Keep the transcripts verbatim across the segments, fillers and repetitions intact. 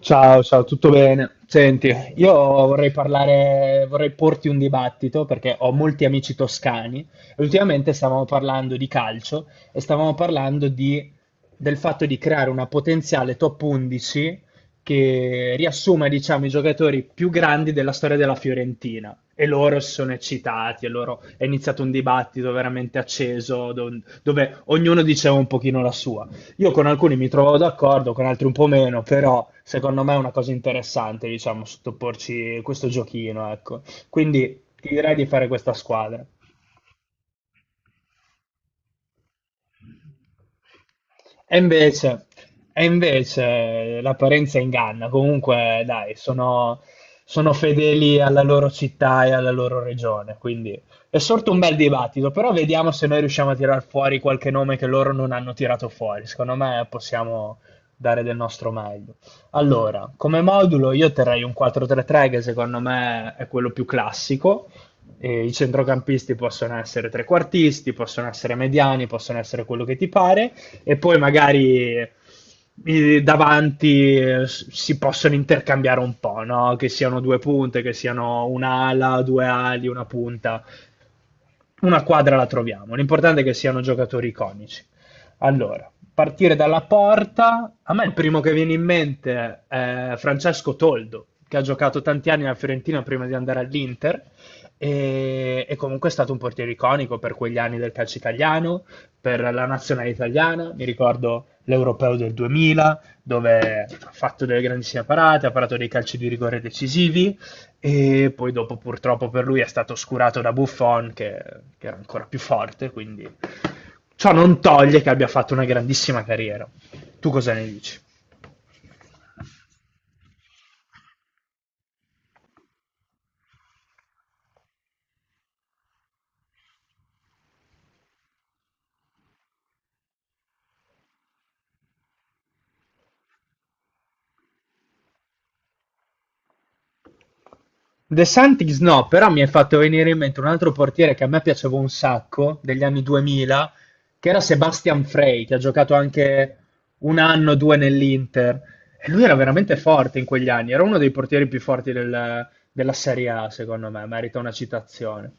Ciao, ciao, tutto bene? Senti, io vorrei parlare, vorrei porti un dibattito perché ho molti amici toscani e ultimamente stavamo parlando di calcio e stavamo parlando di- del fatto di creare una potenziale top undici che riassuma, diciamo, i giocatori più grandi della storia della Fiorentina. E loro si sono eccitati, e loro è iniziato un dibattito veramente acceso do- dove ognuno diceva un pochino la sua. Io con alcuni mi trovo d'accordo, con altri un po' meno, però secondo me è una cosa interessante, diciamo, sottoporci questo giochino, ecco. Quindi ti direi di fare questa squadra. E invece, e invece l'apparenza inganna. Comunque, dai, sono, sono fedeli alla loro città e alla loro regione. Quindi è sorto un bel dibattito. Però vediamo se noi riusciamo a tirar fuori qualche nome che loro non hanno tirato fuori. Secondo me possiamo dare del nostro meglio. Allora, come modulo io terrei un quattro tre tre che secondo me è quello più classico. E I centrocampisti possono essere trequartisti, possono essere mediani, possono essere quello che ti pare e poi magari i davanti eh, s- si possono intercambiare un po', no? Che siano due punte, che siano un'ala, due ali, una punta, una quadra la troviamo. L'importante è che siano giocatori iconici. Allora, partire dalla porta, a me il primo che viene in mente è Francesco Toldo, che ha giocato tanti anni alla Fiorentina prima di andare all'Inter. E, e comunque è stato un portiere iconico per quegli anni del calcio italiano, per la nazionale italiana. Mi ricordo l'Europeo del duemila, dove ha fatto delle grandissime parate, ha parato dei calci di rigore decisivi e poi dopo purtroppo per lui è stato oscurato da Buffon che, che era ancora più forte, quindi ciò non toglie che abbia fatto una grandissima carriera. Tu cosa ne dici? De Santis no, però mi è fatto venire in mente un altro portiere che a me piaceva un sacco, degli anni duemila, che era Sebastian Frey, che ha giocato anche un anno o due nell'Inter. E lui era veramente forte in quegli anni, era uno dei portieri più forti del- della Serie A, secondo me, merita una citazione.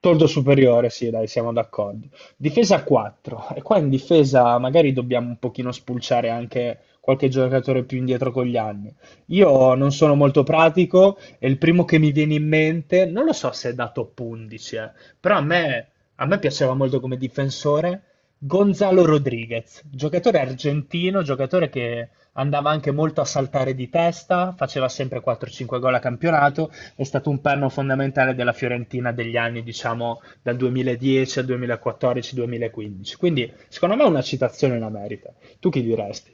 Tordo superiore, sì, dai, siamo d'accordo. Difesa a quattro. E qua in difesa magari dobbiamo un pochino spulciare anche qualche giocatore più indietro con gli anni. Io non sono molto pratico e il primo che mi viene in mente, non lo so se è da top undici, eh, però a me, a me piaceva molto come difensore Gonzalo Rodriguez, giocatore argentino, giocatore che andava anche molto a saltare di testa, faceva sempre quattro cinque gol a campionato. È stato un perno fondamentale della Fiorentina degli anni, diciamo, dal duemiladieci al duemilaquattordici-duemilaquindici. Quindi, secondo me, una citazione la merita. Tu chi diresti?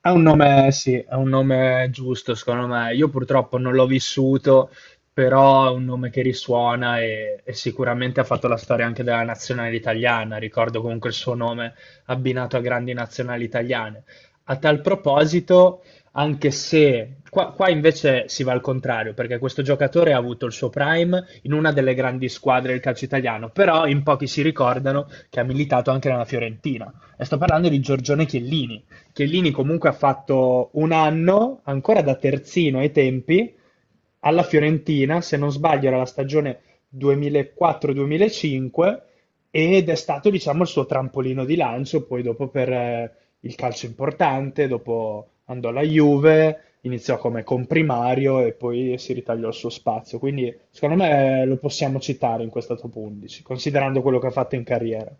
Ha un nome, sì, ha un nome giusto, secondo me. Io purtroppo non l'ho vissuto, però è un nome che risuona e, e sicuramente ha fatto la storia anche della nazionale italiana. Ricordo comunque il suo nome abbinato a grandi nazionali italiane. A tal proposito, anche se qua, qua invece si va al contrario, perché questo giocatore ha avuto il suo prime in una delle grandi squadre del calcio italiano, però in pochi si ricordano che ha militato anche nella Fiorentina. E sto parlando di Giorgione Chiellini. Chiellini comunque ha fatto un anno, ancora da terzino ai tempi, alla Fiorentina, se non sbaglio era la stagione duemilaquattro-duemilacinque, ed è stato, diciamo, il suo trampolino di lancio, poi dopo per eh, il calcio importante, dopo andò alla Juve, iniziò come comprimario e poi si ritagliò il suo spazio. Quindi, secondo me, eh, lo possiamo citare in questa top undici, considerando quello che ha fatto in carriera.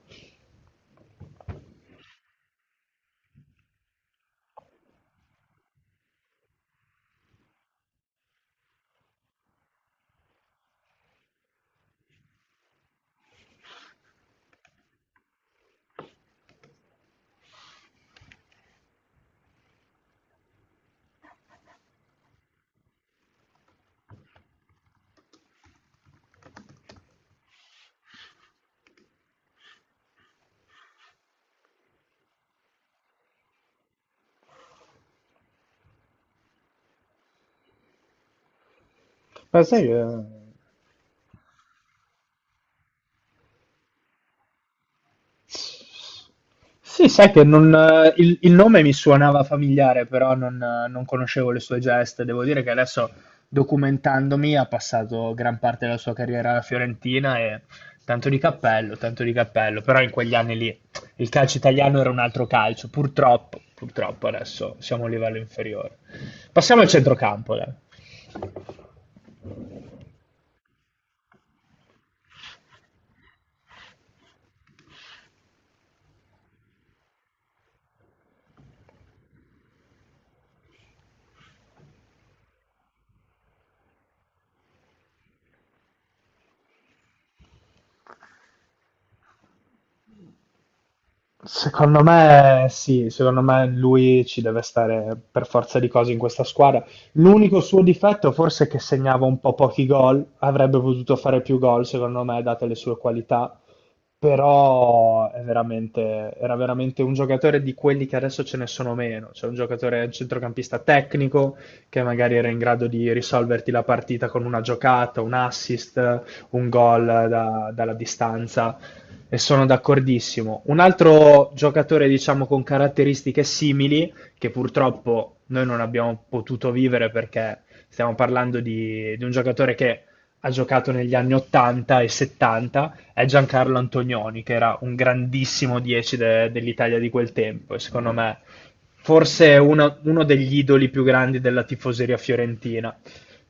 Ma sai, eh, sì, sai che non, eh, il, il nome mi suonava familiare, però non, eh, non conoscevo le sue geste. Devo dire che adesso, documentandomi, ha passato gran parte della sua carriera alla Fiorentina e tanto di cappello, tanto di cappello. Però in quegli anni lì il calcio italiano era un altro calcio, purtroppo, purtroppo adesso siamo a un livello inferiore. Passiamo al centrocampo, dai. Secondo me sì, secondo me lui ci deve stare per forza di cose in questa squadra. L'unico suo difetto forse è che segnava un po' pochi gol, avrebbe potuto fare più gol secondo me, date le sue qualità, però è veramente- era veramente un giocatore di quelli che adesso ce ne sono meno, cioè un giocatore un centrocampista tecnico che magari era in grado di risolverti la partita con una giocata, un assist, un gol da- dalla distanza e sono d'accordissimo. Un altro giocatore, diciamo, con caratteristiche simili, che purtroppo noi non abbiamo potuto vivere perché stiamo parlando di, di un giocatore che ha giocato negli anni ottanta e settanta, è Giancarlo Antonioni, che era un grandissimo dieci de- dell'Italia di quel tempo. E secondo me, forse uno, uno degli idoli più grandi della tifoseria fiorentina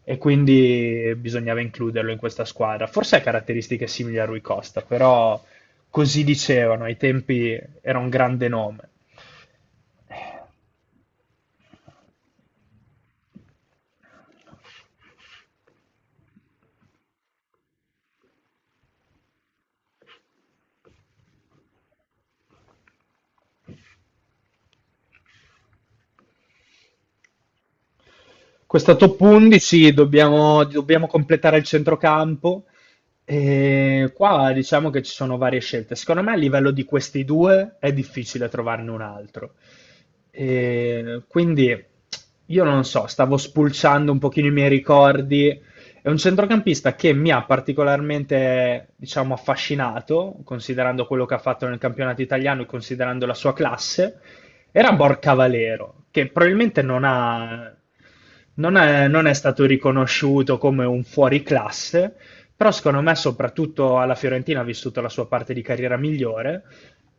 e quindi bisognava includerlo in questa squadra. Forse ha caratteristiche simili a Rui Costa, però così dicevano, ai tempi era un grande nome. Questa top undici dobbiamo, dobbiamo completare il centrocampo. E qua diciamo che ci sono varie scelte. Secondo me a livello di questi due è difficile trovarne un altro. E quindi io non so, stavo spulciando un pochino i miei ricordi. È un centrocampista che mi ha particolarmente, diciamo, affascinato, considerando quello che ha fatto nel campionato italiano e considerando la sua classe. Era Borcavallero, che probabilmente non ha, non è, non è stato riconosciuto come un fuoriclasse, però secondo me soprattutto alla Fiorentina ha vissuto la sua parte di carriera migliore.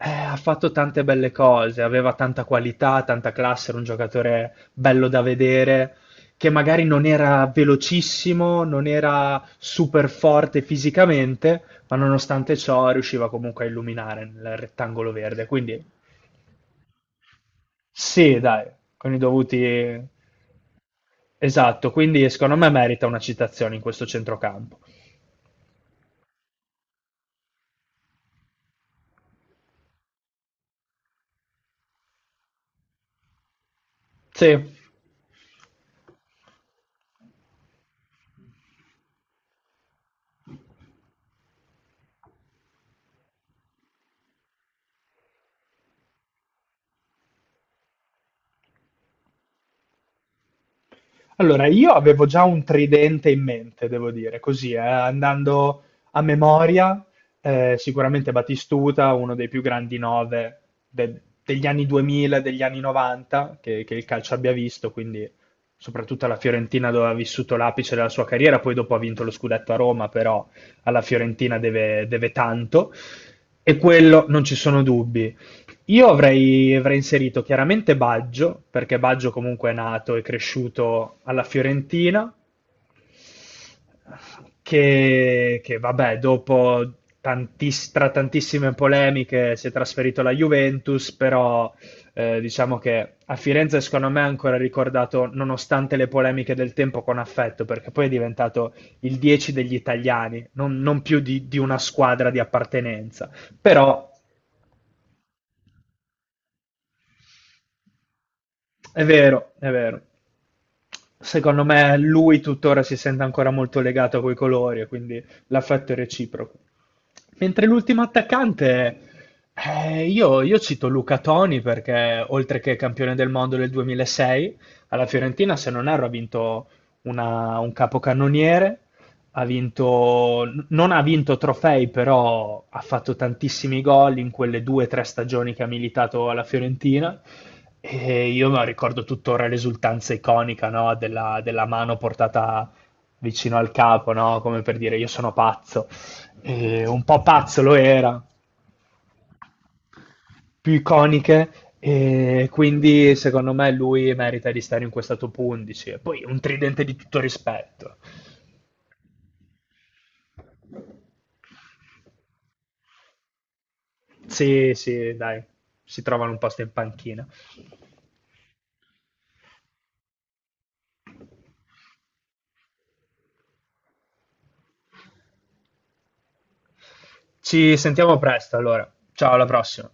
Eh, ha fatto tante belle cose, aveva tanta qualità, tanta classe, era un giocatore bello da vedere, che magari non era velocissimo, non era super forte fisicamente, ma nonostante ciò riusciva comunque a illuminare nel rettangolo verde. Quindi sì, dai, con i dovuti. Esatto, quindi secondo me merita una citazione in questo centrocampo. Sì, allora, io avevo già un tridente in mente, devo dire, così, eh, andando a memoria, eh, sicuramente Batistuta, uno dei più grandi nove de- degli anni duemila, degli anni novanta, che, che il calcio abbia visto, quindi soprattutto alla Fiorentina dove ha vissuto l'apice della sua carriera, poi dopo ha vinto lo scudetto a Roma, però alla Fiorentina deve, deve tanto. E quello non ci sono dubbi. Io avrei, avrei inserito chiaramente Baggio, perché Baggio comunque è nato e cresciuto alla Fiorentina, che, che vabbè, dopo tantiss- tra tantissime polemiche si è trasferito alla Juventus, però eh, diciamo che a Firenze secondo me è ancora ricordato, nonostante le polemiche del tempo, con affetto, perché poi è diventato il dieci degli italiani, non, non più di di una squadra di appartenenza. Però è vero, è vero. Secondo me lui tuttora si sente ancora molto legato a quei colori e quindi l'affetto è reciproco. Mentre l'ultimo attaccante, eh, io, io cito Luca Toni perché oltre che campione del mondo del duemilasei, alla Fiorentina se non erro ha vinto una- un capocannoniere, ha vinto, non ha vinto trofei, però ha fatto tantissimi gol in quelle due o tre stagioni che ha militato alla Fiorentina. E io me lo ricordo tuttora l'esultanza iconica, no, della, della mano portata vicino al capo, no, come per dire io sono pazzo. E un po' pazzo lo era, più iconiche. E quindi secondo me lui merita di stare in questa top undici. E poi un tridente di tutto rispetto. Sì, sì, dai, si trovano un posto in panchina. Ci sentiamo presto allora. Ciao, alla prossima.